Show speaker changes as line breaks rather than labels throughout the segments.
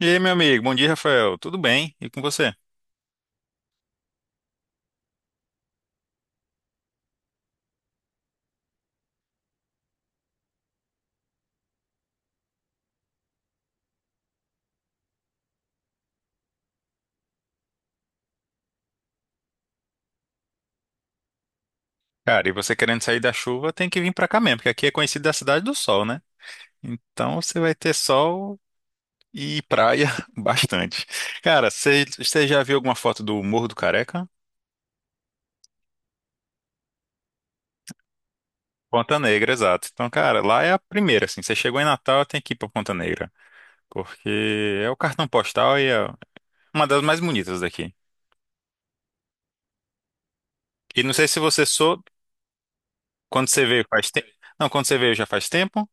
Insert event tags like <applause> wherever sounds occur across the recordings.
E aí, meu amigo, bom dia, Rafael. Tudo bem? E com você? Cara, e você querendo sair da chuva, tem que vir pra cá mesmo, porque aqui é conhecido da cidade do sol, né? Então você vai ter sol e praia <laughs> bastante. Cara, você já viu alguma foto do Morro do Careca? Ponta Negra, exato. Então, cara, lá é a primeira, assim. Você chegou em Natal, tem que ir pra Ponta Negra, porque é o cartão postal e é uma das mais bonitas daqui. E não sei se você sou, quando você veio faz tempo. Não, quando você veio já faz tempo.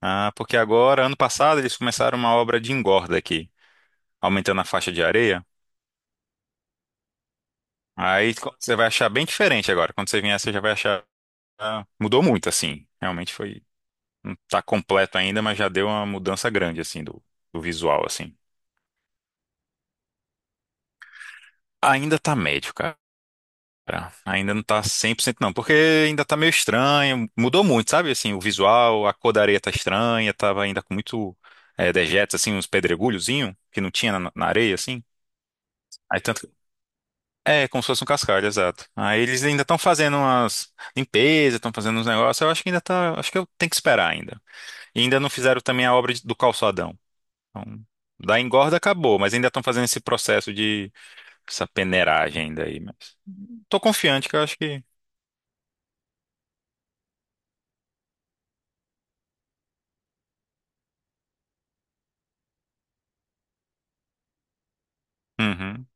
Ah, porque agora, ano passado, eles começaram uma obra de engorda aqui, aumentando a faixa de areia. Você vai achar bem diferente agora. Quando você vier, você já vai achar. Ah, mudou muito, assim. Realmente foi. Não tá completo ainda, mas já deu uma mudança grande, assim, do visual, assim. Ainda tá médio, cara. Ainda não tá 100% não, porque ainda tá meio estranho. Mudou muito, sabe? Assim, o visual, a cor da areia tá estranha, tava ainda com muito dejetos, assim, uns pedregulhozinho que não tinha na areia, assim. Aí tanto, É, como se fosse um cascalho, exato. Aí eles ainda estão fazendo umas limpezas, estão fazendo uns negócios. Eu acho que ainda tá. Acho que eu tenho que esperar ainda. E ainda não fizeram também a obra do calçadão. Então, da engorda acabou, mas ainda estão fazendo esse processo de essa peneiragem ainda aí. Mas tô confiante que eu acho que. Uhum.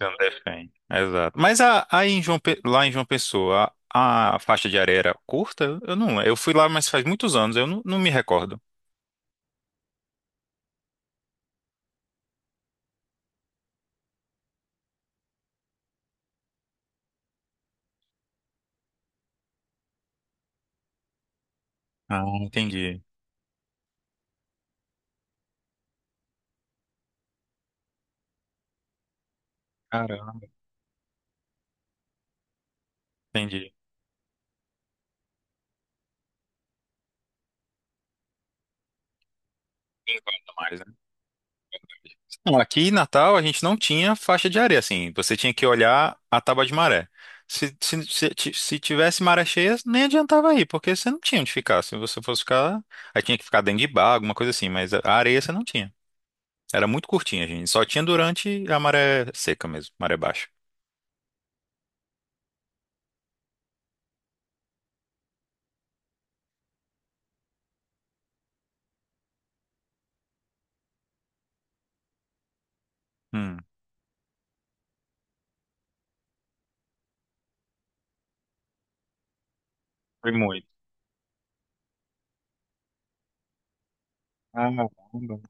Eu não defendo. Exato. Mas a, aí em João Pe- lá em João Pessoa, a faixa de areia era curta? Eu não. Eu fui lá, mas faz muitos anos, eu não me recordo. Ah, entendi. Caramba, entendi. Engorda mais, né? Não, aqui em Natal a gente não tinha faixa de areia, assim, você tinha que olhar a tábua de maré. Se tivesse maré cheia, nem adiantava ir, porque você não tinha onde ficar. Se você fosse ficar, aí tinha que ficar dentro de bar, alguma coisa assim, mas a areia você não tinha. Era muito curtinha, gente. Só tinha durante a maré seca mesmo, maré baixa. Hum, foi muito. Ah, caramba.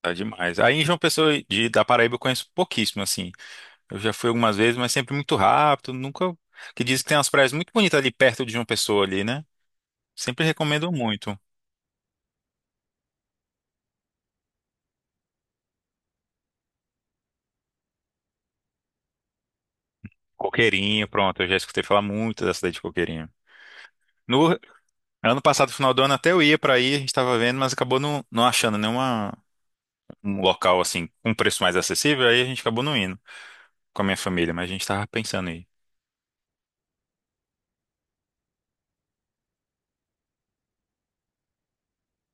Tá demais. Aí em João Pessoa de, da Paraíba eu conheço pouquíssimo, assim. Eu já fui algumas vezes, mas sempre muito rápido, nunca. Que diz que tem umas praias muito bonitas ali perto de João Pessoa ali, né? Sempre recomendo muito. Coqueirinho, pronto, eu já escutei falar muito da cidade de Coqueirinho. No ano passado, final do ano, até eu ia pra aí, a gente tava vendo, mas acabou não achando nenhuma um local assim com um preço mais acessível, aí a gente acabou não indo com a minha família, mas a gente tava pensando aí.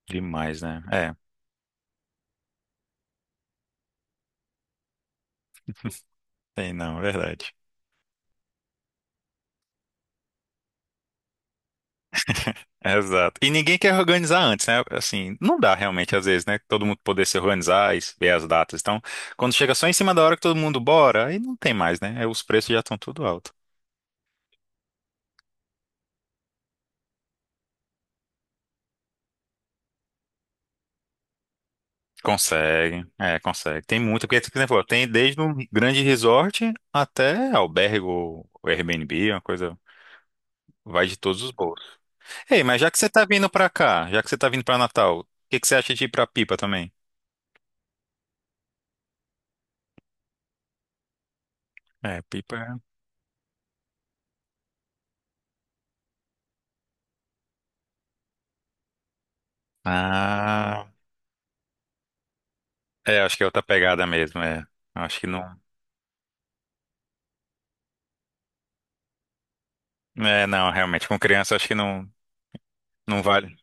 Demais, né? É, tem não, é verdade. Exato. E ninguém quer organizar antes, né? Assim, não dá realmente, às vezes, né? Todo mundo poder se organizar e ver as datas. Então, quando chega só em cima da hora que todo mundo bora, aí não tem mais, né? Aí os preços já estão tudo alto. Consegue, é, consegue. Tem muita, porque, por exemplo, tem desde um grande resort até albergue ou Airbnb, uma coisa, vai de todos os bolsos. Ei, mas já que você tá vindo pra cá, já que você tá vindo pra Natal, o que que você acha de ir pra Pipa também? É, Pipa. é- Ah, é, acho que é outra pegada mesmo, é. Acho que não. É, não, realmente, com criança acho que não, não vale.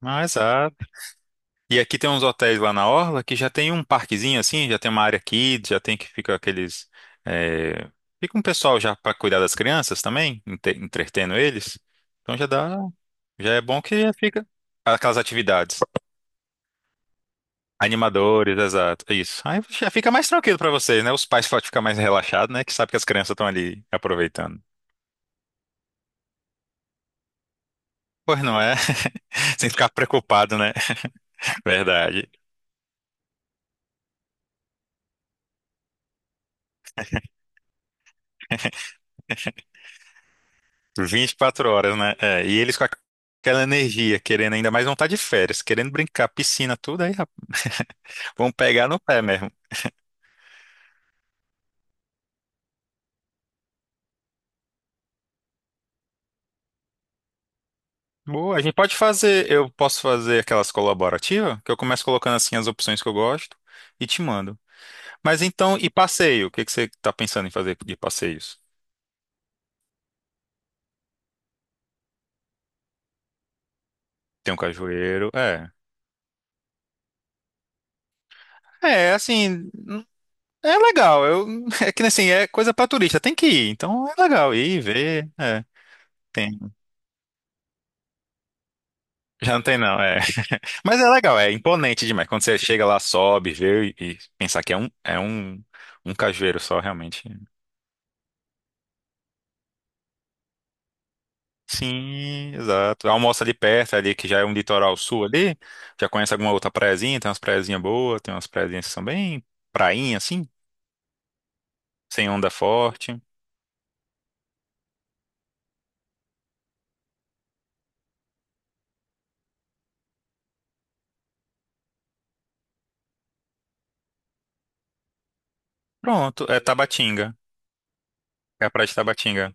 Mas, ah, e aqui tem uns hotéis lá na Orla que já tem um parquezinho assim, já tem uma área kids, já tem que fica aqueles. eh, Fica um pessoal já para cuidar das crianças também, entretendo eles. Então já dá. Já é bom que já fica. Aquelas atividades. Animadores, exato. É isso. Aí já fica mais tranquilo para vocês, né? Os pais podem ficar mais relaxados, né? Que sabe que as crianças estão ali aproveitando. Pois não é? <laughs> Sem ficar preocupado, né? <laughs> Verdade. 24 horas, né? É, e eles com aquela energia, querendo ainda mais vontade de férias, querendo brincar, piscina, tudo aí, rapaz, vão pegar no pé mesmo. Boa, a gente pode fazer, eu posso fazer aquelas colaborativas, que eu começo colocando assim as opções que eu gosto e te mando. Mas então, e passeio? O que que você tá pensando em fazer de passeios? Tem um cajueiro, é. É, assim, é legal. Eu, <laughs> é que assim, é coisa pra turista, tem que ir. Então é legal ir, ver, é. Tem. Já não tem, não, é. <laughs> Mas é legal, é imponente demais. Quando você chega lá, sobe, vê e pensar que é um, um cajueiro só, realmente. Sim, exato. Almoça ali perto, ali que já é um litoral sul ali. Já conhece alguma outra praiazinha? Tem umas praiazinhas boas, tem umas praiazinhas que são bem prainha, assim, sem onda forte. Pronto, é Tabatinga. É a praia de Tabatinga.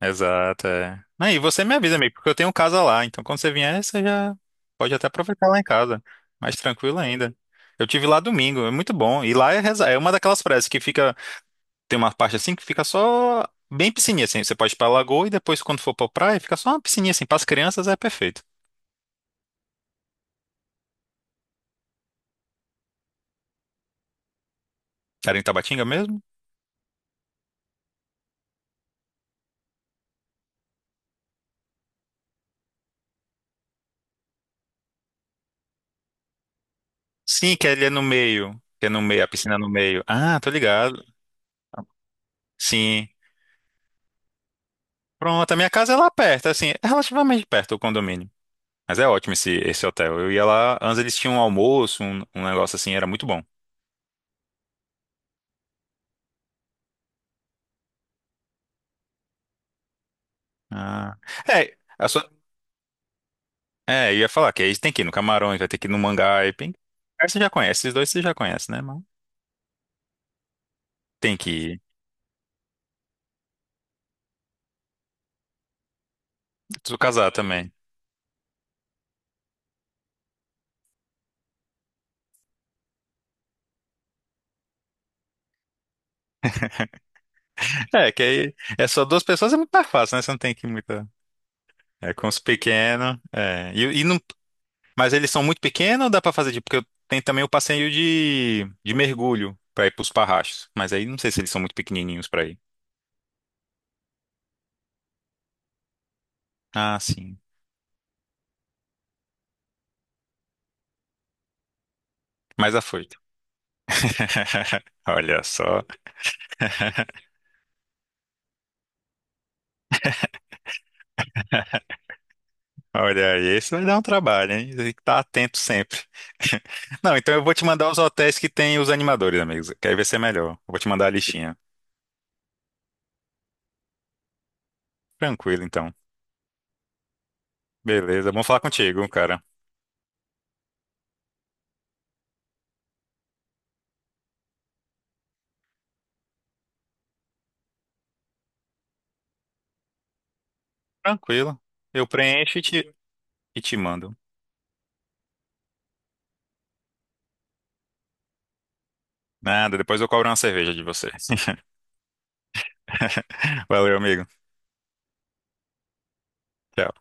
Exato, é. Aí, e você me avisa, amigo, porque eu tenho casa lá, então quando você vier, você já pode até aproveitar lá em casa. Mais tranquilo ainda. Eu tive lá domingo, é muito bom. E lá é, é uma daquelas praias que fica. Tem uma parte assim que fica só bem piscininha, assim. Você pode ir pra lagoa e depois, quando for pra praia, fica só uma piscininha assim. Para as crianças é perfeito. Era em Tabatinga mesmo? Sim, que ele é no meio. Que é no meio, a piscina é no meio. Ah, tô ligado. Sim. Pronto, a minha casa é lá perto, assim, é relativamente perto o condomínio. Mas é ótimo esse hotel. Eu ia lá, antes eles tinham um almoço, um negócio assim, era muito bom. Ah. É, a sua, é, eu ia falar que aí tem que ir no Camarões, vai ter que ir no Mangai. Tem, aí você já conhece, esses dois você já conhece, né, mano? Tem que ir. Preciso casar também. É, que aí é só duas pessoas, é muito mais fácil, né? Você não tem que ir muita. É, com os pequenos. É. E, e não, mas eles são muito pequenos ou dá pra fazer? Tipo, porque tem também o passeio de mergulho pra ir pros parrachos. Mas aí não sei se eles são muito pequenininhos pra ir. Ah, sim. Mas já foi. <laughs> Olha só. <laughs> Olha aí, isso vai dar um trabalho, hein? Tem que estar atento sempre. <laughs> Não, então eu vou te mandar os hotéis que tem os animadores, amigos. Que aí vai ser melhor. Eu vou te mandar a listinha. Tranquilo, então. Beleza, bom falar contigo, cara. Tranquilo. Eu preencho e te mando. Nada, depois eu cobro uma cerveja de você. <laughs> Valeu, amigo. Tchau.